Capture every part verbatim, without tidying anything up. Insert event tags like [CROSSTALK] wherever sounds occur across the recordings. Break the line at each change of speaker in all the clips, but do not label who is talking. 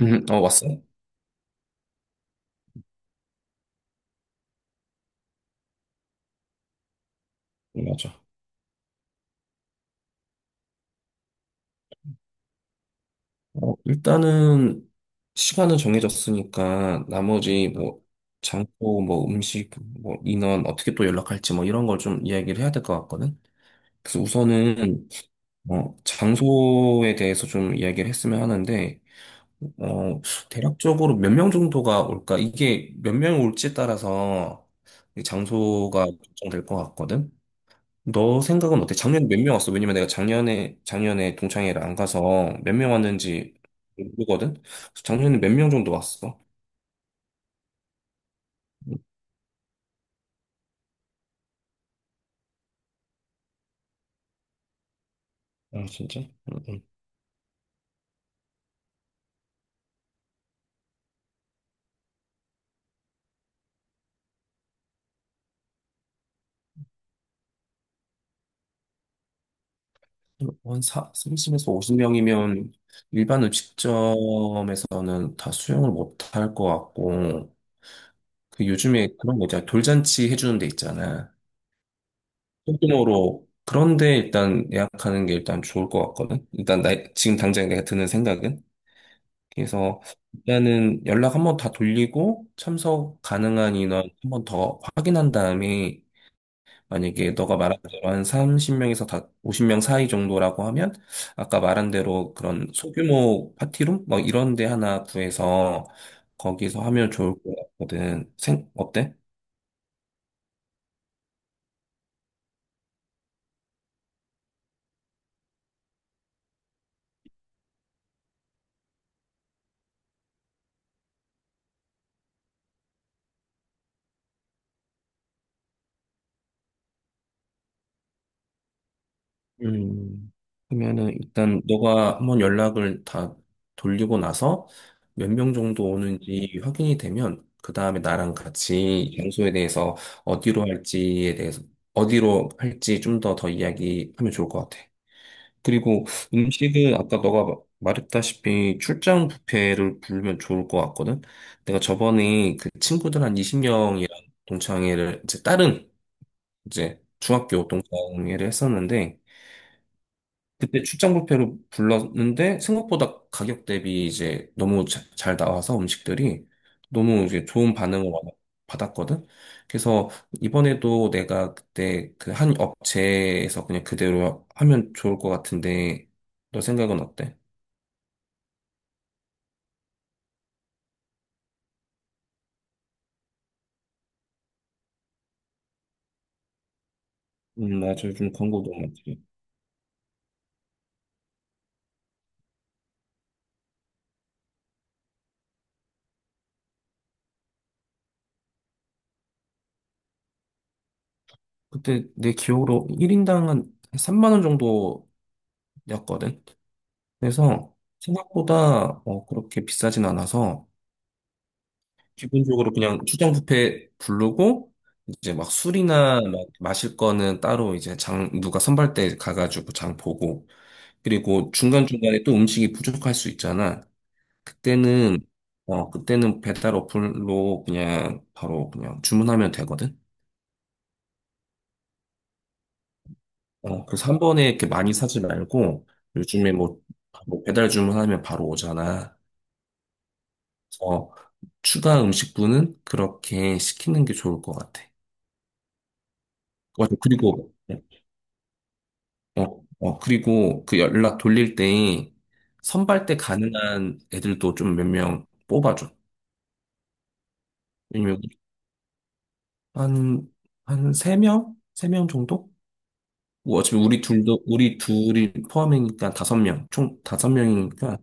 음, 어, 왔어? 요 맞아. 어, 일단은 시간은 정해졌으니까 나머지 뭐 장소, 뭐 음식, 뭐 인원 어떻게 또 연락할지 뭐 이런 걸 좀 이야기를 해야 될 것 같거든. 그래서 우선은 어, 장소에 대해서 좀 이야기를 했으면 하는데 어, 대략적으로 몇 명 정도가 올까? 이게 몇 명 올지에 따라서 이 장소가 결정될 것 같거든. 너 생각은 어때? 작년에 몇 명 왔어? 왜냐면 내가 작년에, 작년에 동창회를 안 가서 몇 명 왔는지 모르거든? 그래서 작년에 몇 명 정도 왔어? 아, 진짜? 응, 응. 한 사, 삼십에서 오십 명이면 일반 음식점에서는 다 수용을 못할 것 같고, 그 요즘에 그런 거 있잖아. 돌잔치 해주는 데 있잖아. 소규모로. 그런데 일단 예약하는 게 일단 좋을 것 같거든? 일단 나, 지금 당장 내가 드는 생각은? 그래서 일단은 연락 한 번 다 돌리고 참석 가능한 인원 한 번 더 확인한 다음에 만약에 너가 말한 대로 한 삼십 명에서 다 오십 명 사이 정도라고 하면 아까 말한 대로 그런 소규모 파티룸 뭐 이런 데 하나 구해서 거기서 하면 좋을 것 같거든. 생 어때? 음, 그러면은 일단 너가 한번 연락을 다 돌리고 나서 몇 명 정도 오는지 확인이 되면 그 다음에 나랑 같이 장소에 대해서 어디로 할지에 대해서 어디로 할지 좀 더 더 이야기하면 좋을 것 같아. 그리고 음식은 아까 너가 말했다시피 출장 뷔페를 부르면 좋을 것 같거든. 내가 저번에 그 친구들 한 이십 명이랑 동창회를 이제 다른 이제 중학교 동창회를 했었는데 그때 출장 뷔페로 불렀는데 생각보다 가격 대비 이제 너무 자- 잘 나와서 음식들이 너무 이제 좋은 반응을 받- 받았거든. 그래서 이번에도 내가 그때 그 한 업체에서 그냥 그대로 하면 좋을 것 같은데 너 생각은 어때? 음, 맞아. 요즘 광고도 많지. 그때 내 기억으로 일 인당 한 삼만 원 정도였거든. 그래서 생각보다 어, 그렇게 비싸진 않아서 기본적으로 그냥 출장 뷔페 부르고 이제 막 술이나 막 마실 거는 따로 이제 장 누가 선발 때 가가지고 장 보고 그리고 중간중간에 또 음식이 부족할 수 있잖아. 그때는 어 그때는 배달 어플로 그냥 바로 그냥 주문하면 되거든. 어 그래서 한 번에 이렇게 많이 사지 말고 요즘에 뭐, 뭐 배달 주문하면 바로 오잖아. 어 추가 음식분은 그렇게 시키는 게 좋을 것 같아. 맞아. 그리고 어, 어, 그리고 그 연락 돌릴 때 선발 때 가능한 애들도 좀 몇 명 뽑아줘. 왜냐면 한, 한 세명세 명세 명 정도? 뭐 어차피 우리 둘도, 우리 둘이 포함이니까 다섯 명 총 다섯 명이니까그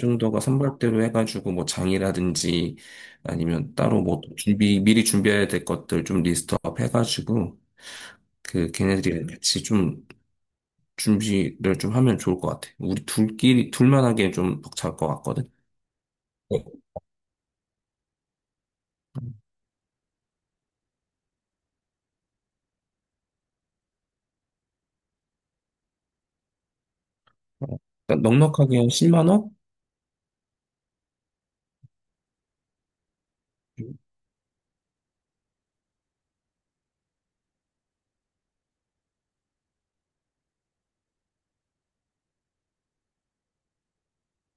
정도가 선발대로 해가지고 뭐 장이라든지 아니면 따로 뭐 준비, 미리 준비해야 될 것들 좀 리스트업 해가지고 그 걔네들이랑 같이 좀 준비를 좀 하면 좋을 것 같아. 우리 둘끼리, 둘만 하기엔 좀 벅찰 것 같거든. 네. 그러니까 넉넉하게 한 십만 원?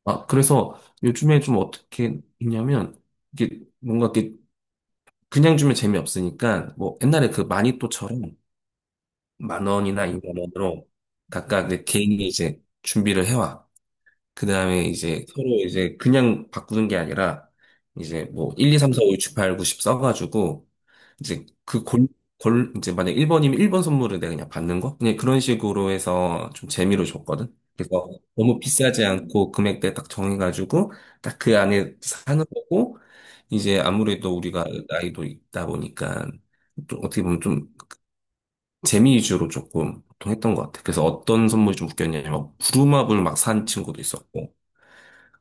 아, 그래서 요즘에 좀 어떻게 있냐면, 이게 뭔가 이렇게 그냥 주면 재미없으니까, 뭐 옛날에 그 마니또처럼 만 원이나 이만 원으로 각각 내 개인이 이제 준비를 해와. 그 다음에 이제 서로 이제 그냥 바꾸는 게 아니라 이제 뭐 일, 이, 삼, 사, 오, 육, 칠, 팔, 구, 십 써가지고 이제 그 골, 골, 이제 만약 일 번이면 일 번 선물을 내가 그냥 받는 거? 그냥 그런 식으로 해서 좀 재미로 줬거든. 그래서 너무 비싸지 않고 금액대 딱 정해가지고 딱 그 안에 사는 거고 이제 아무래도 우리가 나이도 있다 보니까 좀 어떻게 보면 좀 재미 위주로 조금 보통 했던 것 같아. 그래서 어떤 선물이 좀 웃겼냐면 막 부루마블 막 산 친구도 있었고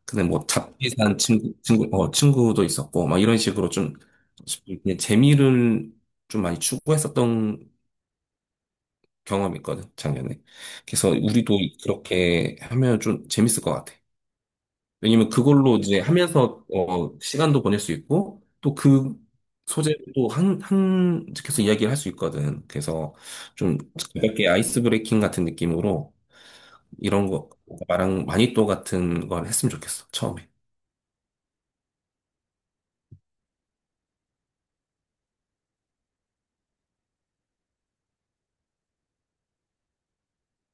근데 뭐 잡지산 친구, 친구, 어, 친구도 있었고, 막 이런 식으로 좀, 그냥 재미를 좀 많이 추구했었던 경험이 있거든, 작년에. 그래서 우리도 그렇게 하면 좀 재밌을 것 같아. 왜냐면 그걸로 이제 하면서, 어, 시간도 보낼 수 있고, 또 그 소재도 한, 한, 계속 이야기를 할 수 있거든. 그래서 좀 가볍게 아이스 브레이킹 같은 느낌으로 이런 거, 나랑 마니또 같은 걸 했으면 좋겠어, 처음에.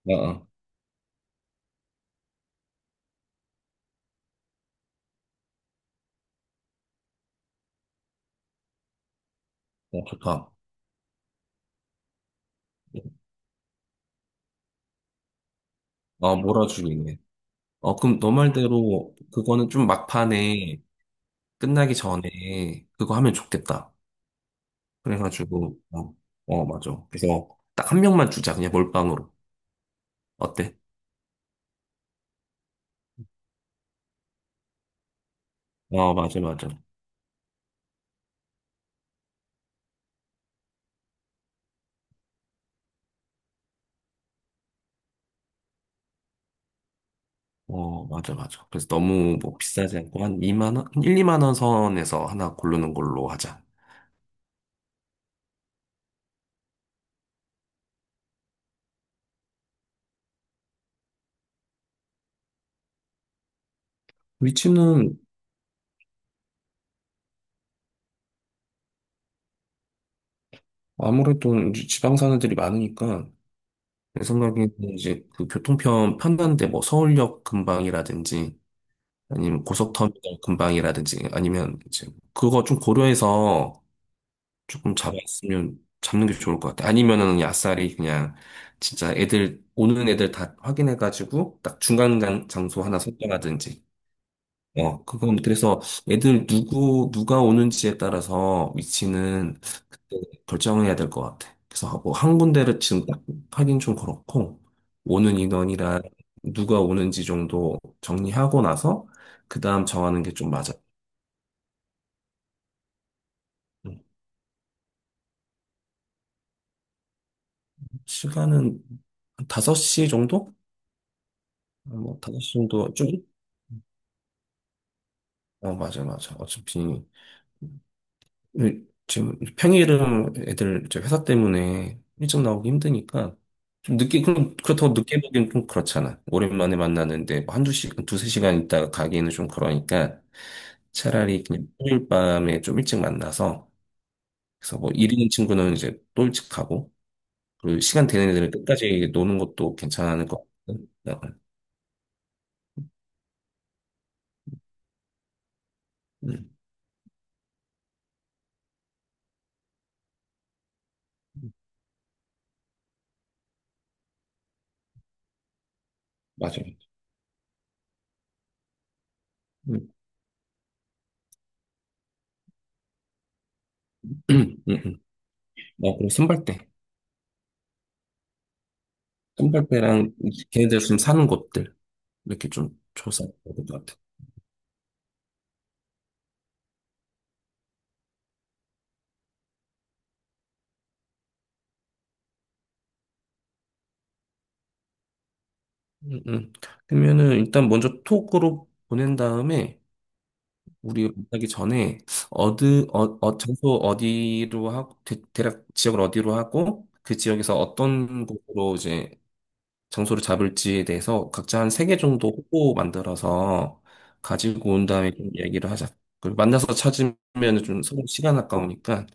어, 어, 어, 좋다. 아, 몰아주기네. 어, 그럼 너 말대로 그거는 좀 막판에 끝나기 전에 그거 하면 좋겠다. 그래가지고, 어, 어, 맞아. 그래서 딱 한 명만 주자. 그냥 몰빵으로. 어때? 어, 맞아, 맞아. 어, 맞아, 맞아. 그래서 너무 뭐 비싸지 않고 한 이만 원, 일, 이만 원 선에서 하나 고르는 걸로 하자. 위치는 아무래도 이제 지방 사는 들이 많으니까 내 생각에는 이제 그 교통편 편한데 뭐 서울역 근방이라든지 아니면 고속터미널 근방이라든지 아니면 이제 그거 좀 고려해서 조금 잡았으면 잡는 게 좋을 것 같아. 아니면은 그냥 아싸리 그냥 진짜 애들 오는 애들 다 확인해가지고 딱 중간 간 장소 하나 선정하든지 어, 그건 그래서 애들 누구, 누가 오는지에 따라서 위치는 그때 결정해야 될 것 같아. 그래서 뭐한 군데를 지금 딱 하긴 좀 그렇고, 오는 인원이랑 누가 오는지 정도 정리하고 나서, 그 다음 정하는 게 좀 맞아. 음, 시간은 한 다섯 시 정도? 뭐 다섯 시 정도 좀? 어, 맞아, 맞아. 어차피. 그, 지금 평일은 애들 저 회사 때문에 일찍 나오기 힘드니까 좀 늦게 그럼 그렇다고 늦게 보기엔 좀 그렇잖아. 오랜만에 만나는데 뭐 한두 시간, 두세 시간 있다가 가기에는 좀 그러니까 차라리 그냥 평일 밤에 좀 일찍 만나서 그래서 뭐 일 있는 친구는 이제 또 일찍 가고 그리고 시간 되는 애들은 끝까지 노는 것도 괜찮은 것 같거든. 음, 맞아요. 음. [CLEARS THROAT] 음, 음. 음. 어, 그리고 선발대. 깜발배랑 걔네들 좀 사는 곳들 이렇게 좀 조사해야 것 같아. 음, 음. 그러면은 일단 먼저 톡으로 보낸 다음에 우리 만나기 전에 어디 어, 어 장소 어디로 하고 대, 략 지역을 어디로 하고 그 지역에서 어떤 곳으로 이제 장소를 잡을지에 대해서 각자 한 세 개 정도 후보 만들어서 가지고 온 다음에 좀 얘기를 하자. 그 만나서 찾으면 좀 서로 시간 아까우니까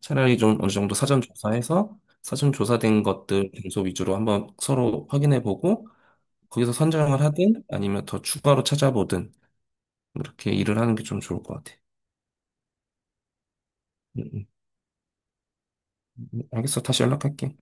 차라리 좀 어느 정도 사전 조사해서 사전 조사된 것들 장소 위주로 한번 서로 확인해 보고 거기서 선정을 하든 아니면 더 추가로 찾아보든 이렇게 일을 하는 게 좀 좋을 것 같아. 음, 음. 알겠어. 다시 연락할게.